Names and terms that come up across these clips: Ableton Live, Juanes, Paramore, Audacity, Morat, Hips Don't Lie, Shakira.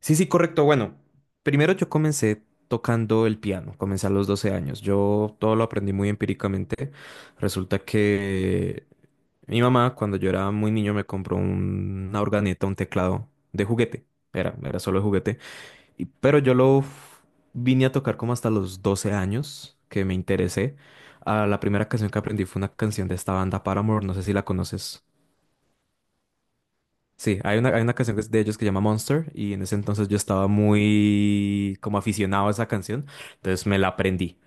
Sí, sí, correcto. Bueno, primero yo comencé tocando el piano, comencé a los 12 años. Yo todo lo aprendí muy empíricamente. Resulta que mi mamá, cuando yo era muy niño, me compró una organeta, un teclado de juguete. Era solo de juguete. Y- pero yo lo f- Vine a tocar como hasta los 12 años que me interesé. Ah, la primera canción que aprendí fue una canción de esta banda, Paramore. No sé si la conoces. Sí, hay una canción que es de ellos que se llama Monster y en ese entonces yo estaba muy como aficionado a esa canción, entonces me la aprendí.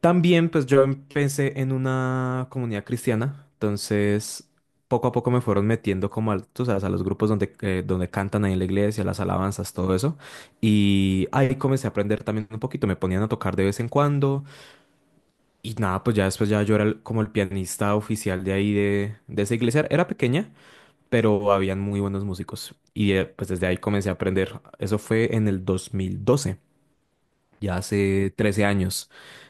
También pues yo empecé en una comunidad cristiana, entonces poco a poco me fueron metiendo tú sabes, a los grupos donde, donde cantan ahí en la iglesia, las alabanzas, todo eso. Y ahí comencé a aprender también un poquito, me ponían a tocar de vez en cuando y nada, pues ya después ya yo era como el pianista oficial de ahí de esa iglesia, era pequeña pero habían muy buenos músicos. Y pues desde ahí comencé a aprender. Eso fue en el 2012, ya hace 13 años.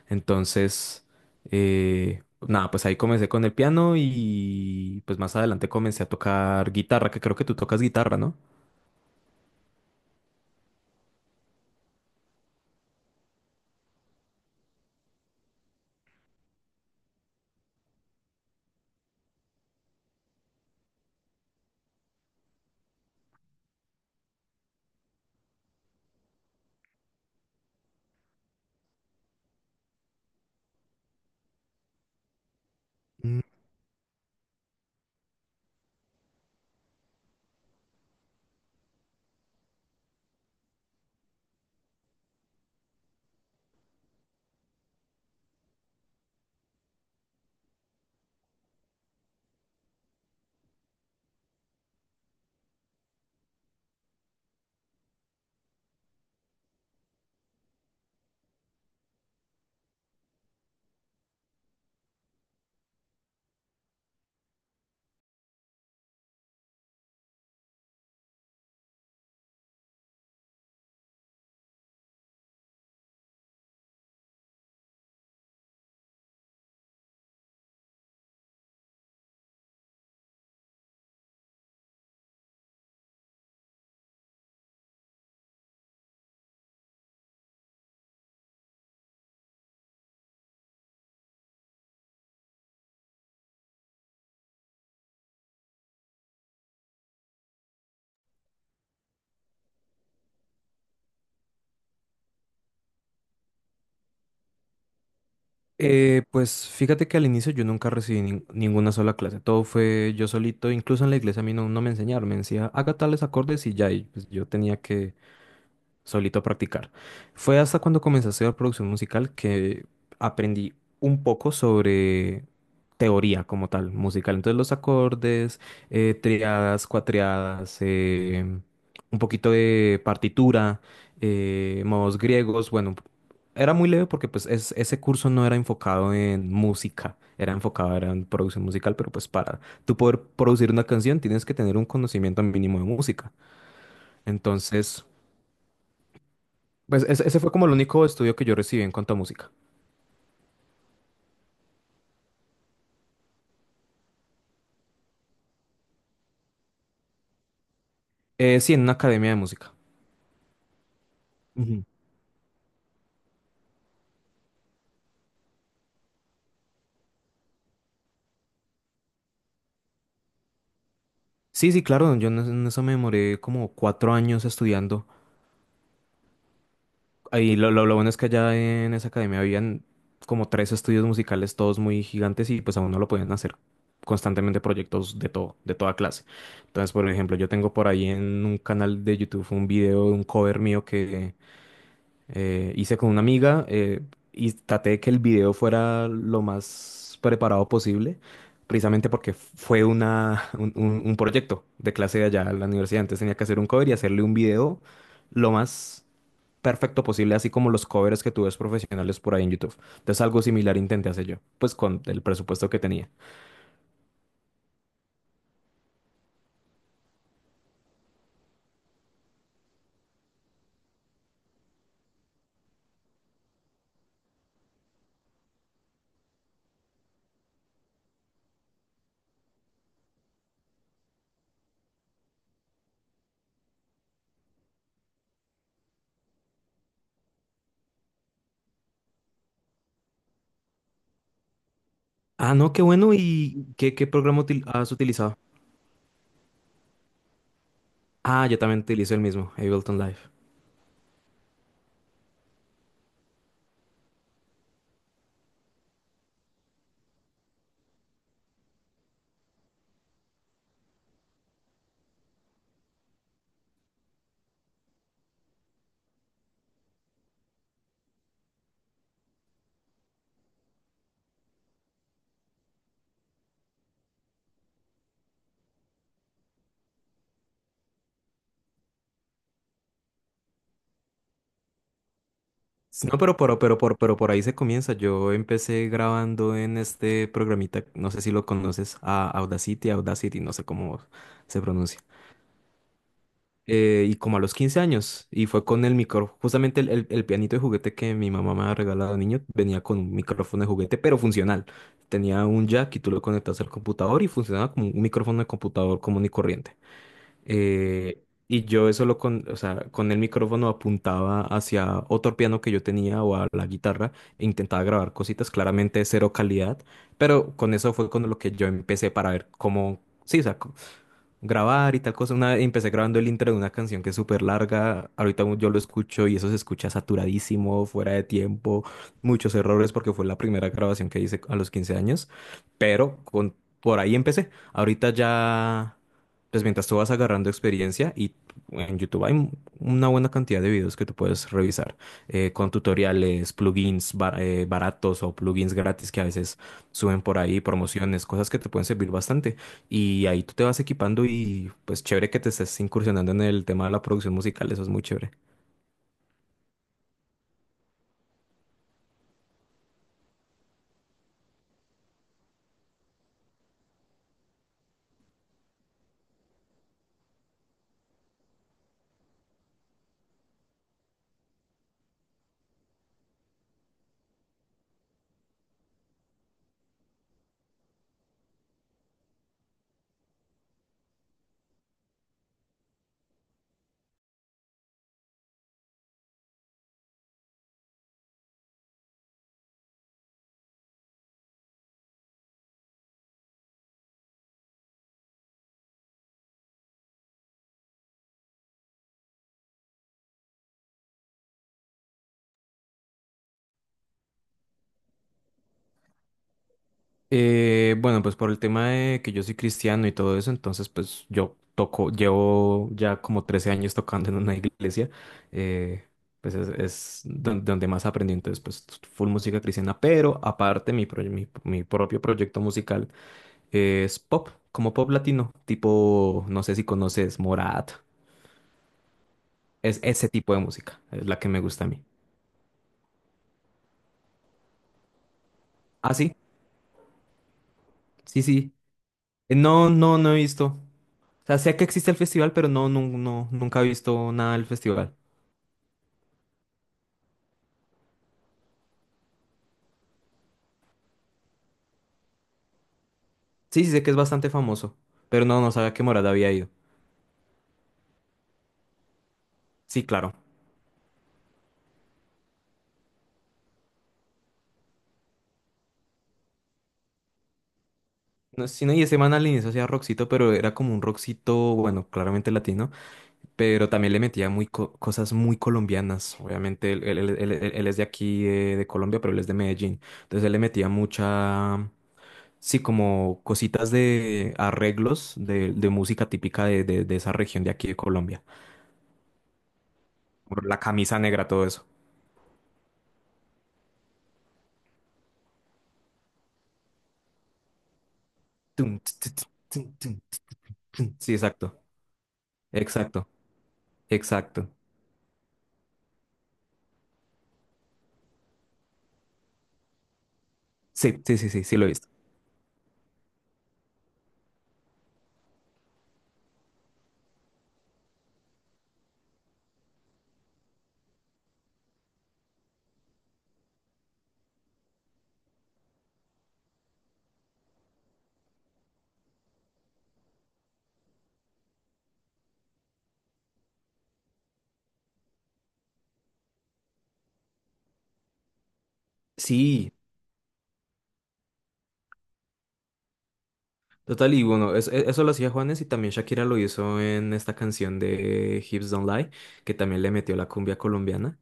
Entonces, nada, pues ahí comencé con el piano y pues más adelante comencé a tocar guitarra, que creo que tú tocas guitarra, ¿no? Mm. Pues fíjate que al inicio yo nunca recibí ninguna sola clase, todo fue yo solito, incluso en la iglesia a mí no me enseñaron, me decía haga tales acordes y ya, y pues yo tenía que solito a practicar. Fue hasta cuando comencé a hacer producción musical que aprendí un poco sobre teoría como tal, musical. Entonces los acordes, triadas, cuatriadas, un poquito de partitura, modos griegos, bueno. Era muy leve porque pues ese curso no era enfocado en música, era enfocado era en producción musical, pero pues para tú poder producir una canción tienes que tener un conocimiento mínimo de música. Entonces, pues ese fue como el único estudio que yo recibí en cuanto a música. Sí, en una academia de música. Ujú. Sí, sí, claro, yo en eso me demoré como cuatro años estudiando. Ahí lo bueno es que allá en esa academia habían como tres estudios musicales, todos muy gigantes, y pues a uno lo podían hacer constantemente proyectos de todo, de toda clase. Entonces, por ejemplo, yo tengo por ahí en un canal de YouTube un video de un cover mío que hice con una amiga y traté de que el video fuera lo más preparado posible, precisamente porque fue un proyecto de clase de allá en la universidad. Entonces tenía que hacer un cover y hacerle un video lo más perfecto posible, así como los covers que tú ves profesionales por ahí en YouTube. Entonces algo similar intenté hacer yo, pues con el presupuesto que tenía. Ah, no, qué bueno. ¿Y qué, qué programa has utilizado? Ah, yo también utilizo el mismo, Ableton Live. No, pero por ahí se comienza. Yo empecé grabando en este programita, no sé si lo conoces, a Audacity, no sé cómo se pronuncia. Y como a los 15 años, y fue con el micrófono, justamente el pianito de juguete que mi mamá me ha regalado de niño, venía con un micrófono de juguete, pero funcional. Tenía un jack y tú lo conectas al computador y funcionaba como un micrófono de computador común y corriente. Eh, y yo eso o sea, con el micrófono apuntaba hacia otro piano que yo tenía o a la guitarra e intentaba grabar cositas, claramente de cero calidad, pero con eso fue con lo que yo empecé para ver cómo, sí, o sea, grabar y tal cosa. Una vez empecé grabando el intro de una canción que es súper larga. Ahorita yo lo escucho y eso se escucha saturadísimo, fuera de tiempo, muchos errores porque fue la primera grabación que hice a los 15 años. Pero con, por ahí empecé. Ahorita ya, pues mientras tú vas agarrando experiencia y en YouTube una buena cantidad de videos que tú puedes revisar con tutoriales, baratos o plugins gratis que a veces suben por ahí, promociones, cosas que te pueden servir bastante. Y ahí tú te vas equipando y pues chévere que te estés incursionando en el tema de la producción musical, eso es muy chévere. Bueno, pues por el tema de que yo soy cristiano y todo eso, entonces pues yo toco, llevo ya como 13 años tocando en una iglesia, eh, pues es donde más aprendí, entonces pues full música cristiana, pero aparte mi propio proyecto musical es pop, como pop latino, tipo, no sé si conoces Morat, es ese tipo de música, es la que me gusta a mí. ¿Así? Sí, sí. No, no, no he visto. O sea, sé que existe el festival, pero no, no, no, nunca he visto nada del festival. Sí, sí, sé que es bastante famoso, pero no, no sabía que Morada había ido. Sí, claro. No, sí, no, y ese man al inicio hacía rockcito, pero era como un rockcito, bueno, claramente latino, pero también le metía cosas muy colombianas. Obviamente, él es de aquí, de Colombia, pero él es de Medellín. Entonces, él le metía mucha... Sí, como cositas de arreglos de música típica de esa región de aquí de Colombia. La camisa negra, todo eso. Tum, tss, tss, tss, tum, tum, tum. Sí, exacto, exacto, exacto. Sí, sí, sí, sí, sí lo he visto. Sí, total, y bueno, eso, eso lo hacía Juanes y también Shakira lo hizo en esta canción de Hips Don't Lie, que también le metió la cumbia colombiana.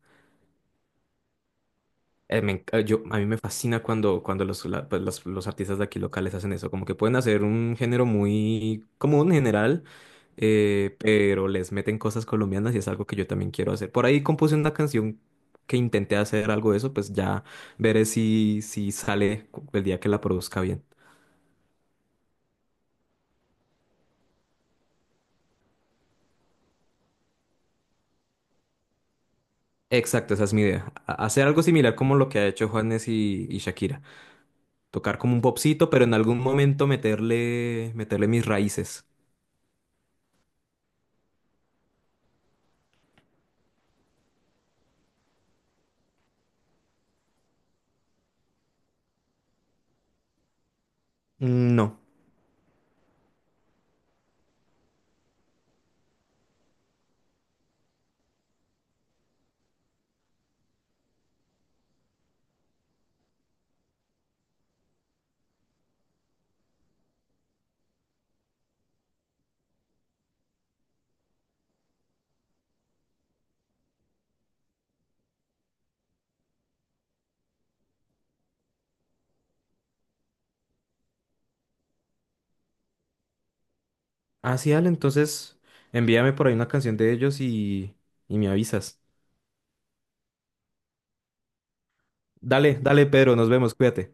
Yo, a mí me fascina cuando, cuando pues, los artistas de aquí locales hacen eso, como que pueden hacer un género muy común en general, pero les meten cosas colombianas y es algo que yo también quiero hacer. Por ahí compuse una canción que intenté hacer algo de eso, pues ya veré si, si el día que la produzca bien. Exacto, esa es mi idea. Hacer algo similar como lo que ha hecho Juanes y Shakira. Tocar como un popcito, pero en algún momento meterle mis raíces. Mm. No. Ah, sí, dale, entonces envíame por ahí una canción de ellos y me avisas. Dale, dale, Pedro, nos vemos, cuídate.